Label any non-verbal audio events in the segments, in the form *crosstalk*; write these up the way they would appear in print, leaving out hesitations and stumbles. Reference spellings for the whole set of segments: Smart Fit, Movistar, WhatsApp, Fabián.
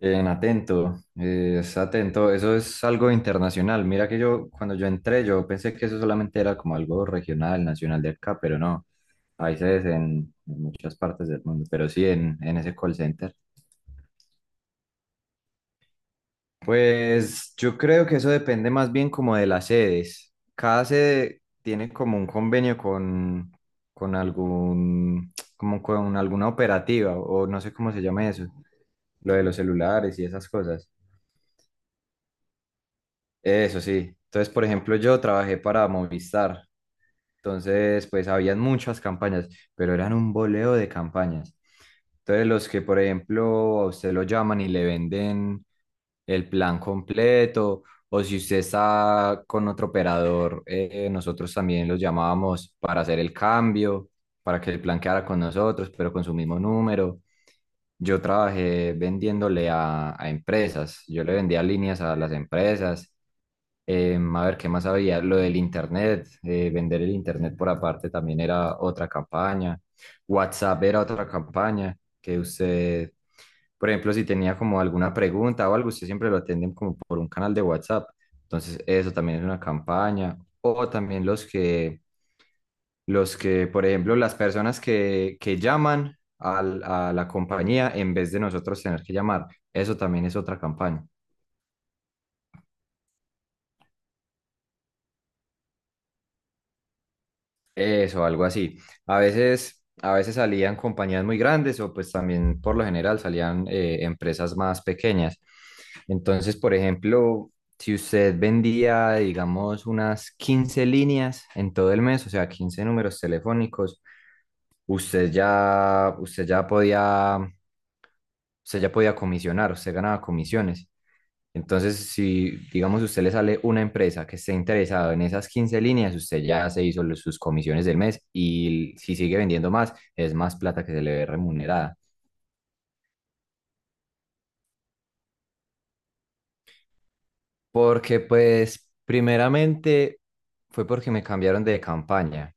Bien, atento, es atento. Eso es algo internacional. Mira que yo, cuando yo entré, yo pensé que eso solamente era como algo regional, nacional de acá, pero no. Hay sedes en muchas partes del mundo, pero sí en ese call center. Pues yo creo que eso depende más bien como de las sedes. Cada sede tiene como un convenio con algún, como con alguna operativa, o no sé cómo se llama eso, lo de los celulares y esas cosas. Eso sí. Entonces, por ejemplo, yo trabajé para Movistar. Entonces, pues habían muchas campañas, pero eran un boleo de campañas. Entonces, los que, por ejemplo, a usted lo llaman y le venden el plan completo, o si usted está con otro operador, nosotros también los llamábamos para hacer el cambio, para que el plan quedara con nosotros, pero con su mismo número. Yo trabajé vendiéndole a empresas, yo le vendía líneas a las empresas. A ver, ¿qué más había? Lo del internet, vender el internet por aparte también era otra campaña. WhatsApp era otra campaña que usted, por ejemplo, si tenía como alguna pregunta o algo, usted siempre lo atienden como por un canal de WhatsApp. Entonces, eso también es una campaña. O también los que, por ejemplo, las personas que llaman a la compañía en vez de nosotros tener que llamar, eso también es otra campaña. Eso, algo así. A veces salían compañías muy grandes o pues también por lo general salían empresas más pequeñas. Entonces, por ejemplo, si usted vendía, digamos, unas 15 líneas en todo el mes, o sea, 15 números telefónicos, usted ya, usted ya podía, usted ya podía comisionar, usted ganaba comisiones. Entonces, si digamos si usted le sale una empresa que esté interesado en esas 15 líneas, usted ya se hizo sus comisiones del mes y si sigue vendiendo más, es más plata que se le ve remunerada. Porque pues primeramente fue porque me cambiaron de campaña,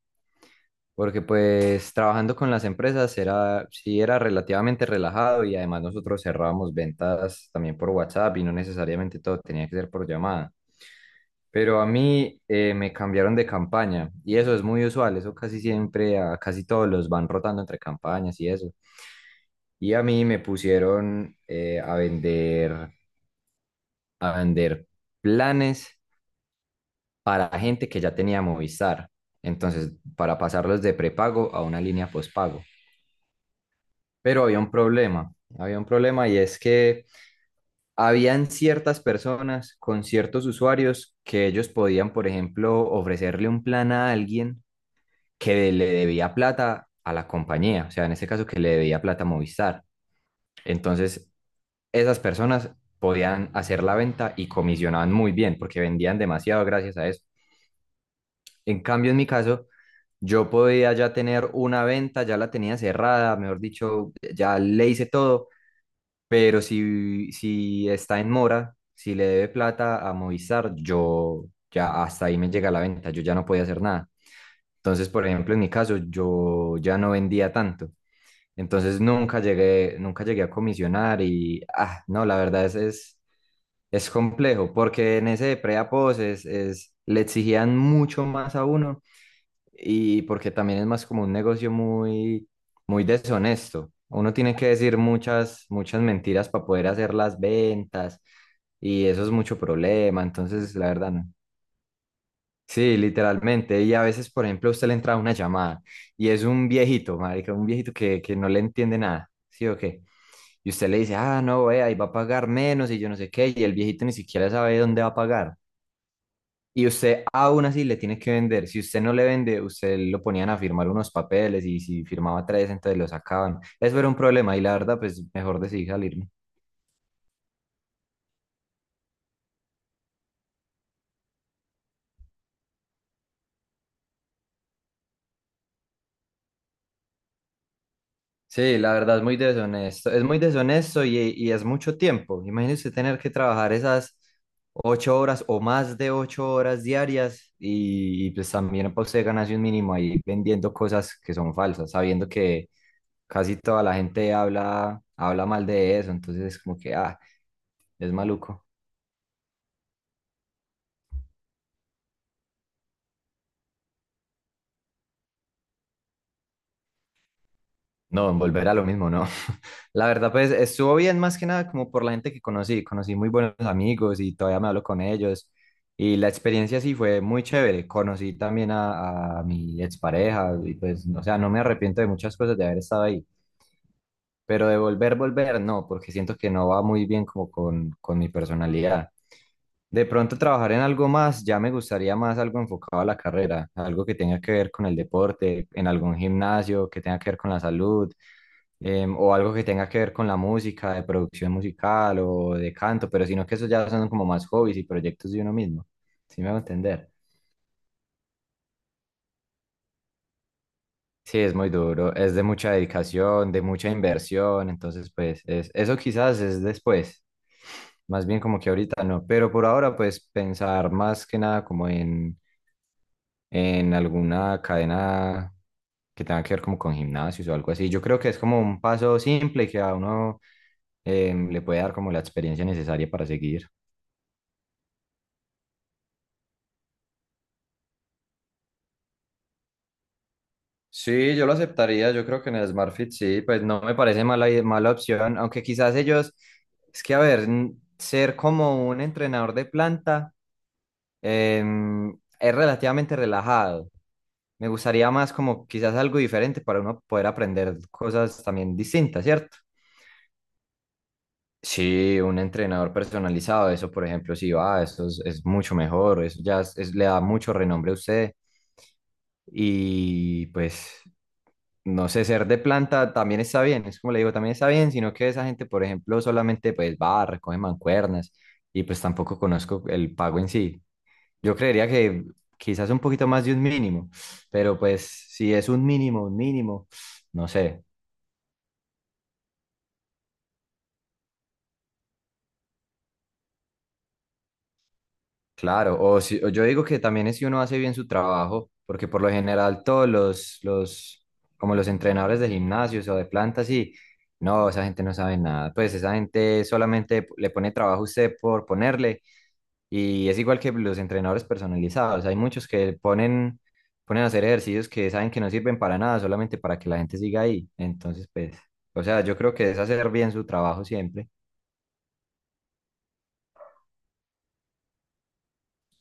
porque pues trabajando con las empresas era, sí era relativamente relajado y además nosotros cerrábamos ventas también por WhatsApp y no necesariamente todo tenía que ser por llamada. Pero a mí me cambiaron de campaña y eso es muy usual, eso casi siempre, a casi todos los van rotando entre campañas y eso. Y a mí me pusieron a vender planes para gente que ya tenía Movistar. Entonces, para pasarlos de prepago a una línea postpago. Pero había un problema y es que habían ciertas personas con ciertos usuarios que ellos podían, por ejemplo, ofrecerle un plan a alguien que le debía plata a la compañía, o sea, en este caso que le debía plata a Movistar. Entonces, esas personas podían hacer la venta y comisionaban muy bien porque vendían demasiado gracias a eso. En cambio, en mi caso, yo podía ya tener una venta, ya la tenía cerrada, mejor dicho, ya le hice todo, pero si está en mora, si le debe plata a Movistar, yo ya hasta ahí me llega la venta, yo ya no podía hacer nada. Entonces, por ejemplo, en mi caso, yo ya no vendía tanto. Entonces nunca llegué a comisionar y, ah, no, la verdad es complejo, porque en ese de pre-apos le exigían mucho más a uno y porque también es más como un negocio muy, muy deshonesto. Uno tiene que decir muchas, muchas mentiras para poder hacer las ventas y eso es mucho problema. Entonces, la verdad, no. Sí, literalmente. Y a veces, por ejemplo, a usted le entra una llamada y es un viejito, marica, un viejito que no le entiende nada, ¿sí o qué? Y usted le dice, ah, no, vea, y va a pagar menos y yo no sé qué, y el viejito ni siquiera sabe dónde va a pagar. Y usted aún así le tiene que vender. Si usted no le vende, usted lo ponían a firmar unos papeles y si firmaba tres, entonces lo sacaban. Eso era un problema y la verdad, pues mejor decidí salir. Sí, la verdad es muy deshonesto. Es muy deshonesto y es mucho tiempo. Imagínese tener que trabajar esas 8 horas o más de 8 horas diarias y, pues también para usted ganarse un mínimo ahí vendiendo cosas que son falsas, sabiendo que casi toda la gente habla mal de eso. Entonces es como que, ah, es maluco. No, volver a lo mismo, no. *laughs* La verdad, pues estuvo bien más que nada como por la gente que conocí. Conocí muy buenos amigos y todavía me hablo con ellos. Y la experiencia sí fue muy chévere. Conocí también a mi expareja y pues, o sea, no me arrepiento de muchas cosas de haber estado ahí. Pero de volver, volver, no, porque siento que no va muy bien como con mi personalidad. De pronto trabajar en algo más, ya me gustaría más algo enfocado a la carrera, algo que tenga que ver con el deporte, en algún gimnasio, que tenga que ver con la salud, o algo que tenga que ver con la música, de producción musical o de canto, pero sino que eso ya son como más hobbies y proyectos de uno mismo. ¿Sí me va a entender? Sí, es muy duro, es de mucha dedicación, de mucha inversión, entonces pues eso quizás es después, más bien como que ahorita no, pero por ahora pues pensar más que nada como en alguna cadena que tenga que ver como con gimnasios o algo así. Yo creo que es como un paso simple y que a uno le puede dar como la experiencia necesaria para seguir. Sí, yo lo aceptaría, yo creo que en el Smart Fit sí, pues no me parece mala, mala opción, aunque quizás ellos, es que a ver, ser como un entrenador de planta em, es relativamente relajado. Me gustaría más como quizás algo diferente para uno poder aprender cosas también distintas, ¿cierto? Sí, un entrenador personalizado, eso por ejemplo, sí va, eso es mucho mejor, eso ya le da mucho renombre a usted y pues no sé, ser de planta también está bien, es como le digo, también está bien, sino que esa gente, por ejemplo, solamente pues va, recoge mancuernas y pues tampoco conozco el pago en sí. Yo creería que quizás un poquito más de un mínimo, pero pues si es un mínimo, no sé. Claro, o, si, o yo digo que también es si uno hace bien su trabajo, porque por lo general todos como los entrenadores de gimnasios o de plantas, sí, no, esa gente no sabe nada, pues esa gente solamente le pone trabajo a usted por ponerle, y es igual que los entrenadores personalizados, hay muchos que ponen, a hacer ejercicios que saben que no sirven para nada, solamente para que la gente siga ahí, entonces pues, o sea, yo creo que es hacer bien su trabajo siempre.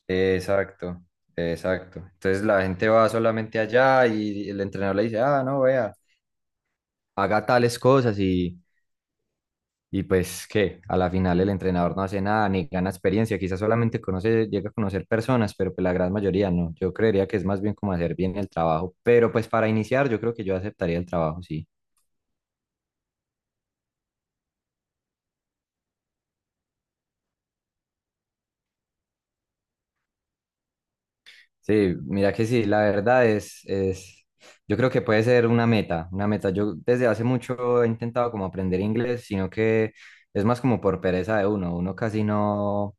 Exacto, exacto. Entonces la gente va solamente allá y el entrenador le dice, ah, no, vea, haga tales cosas y pues que a la final el entrenador no hace nada ni gana experiencia, quizás solamente conoce, llega a conocer personas, pero pues la gran mayoría no. Yo creería que es más bien como hacer bien el trabajo, pero pues para iniciar yo creo que yo aceptaría el trabajo, sí. Sí, mira que sí, la verdad yo creo que puede ser una meta, una meta. Yo desde hace mucho he intentado como aprender inglés, sino que es más como por pereza de uno, uno casi no,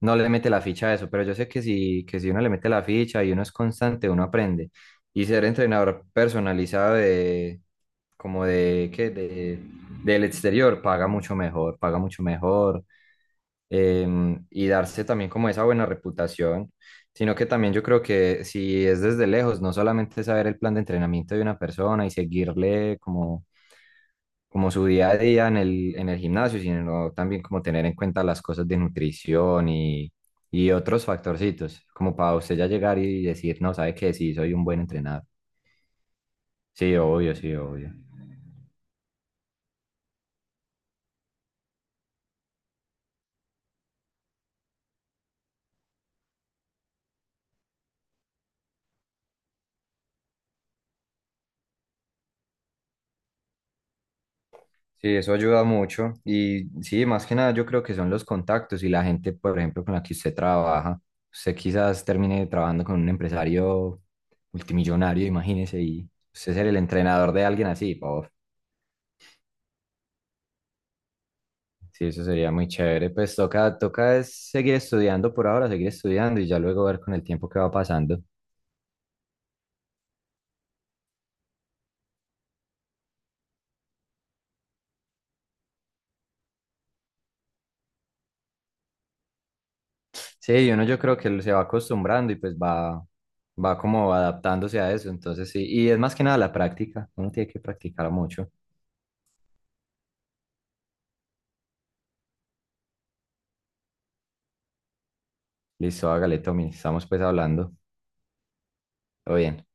no le mete la ficha a eso, pero yo sé que si, uno le mete la ficha y uno es constante, uno aprende. Y ser entrenador personalizado ¿qué? Del exterior, paga mucho mejor, eh, y darse también como esa buena reputación, sino que también yo creo que si es desde lejos, no solamente saber el plan de entrenamiento de una persona y seguirle como, su día a día en el gimnasio, sino también como tener en cuenta las cosas de nutrición y otros factorcitos, como para usted ya llegar y decir, no, sabe que sí, soy un buen entrenador. Sí, obvio, sí, obvio. Sí, eso ayuda mucho. Y sí, más que nada yo creo que son los contactos y la gente, por ejemplo, con la que usted trabaja. Usted quizás termine trabajando con un empresario multimillonario, imagínese, y usted ser el entrenador de alguien así. Por Sí, eso sería muy chévere. Pues toca es seguir estudiando por ahora, seguir estudiando y ya luego ver con el tiempo qué va pasando. Sí, uno yo creo que se va acostumbrando y pues va, como adaptándose a eso. Entonces sí, y es más que nada la práctica. Uno tiene que practicar mucho. Listo, hágale, Tommy. Estamos pues hablando. Todo bien.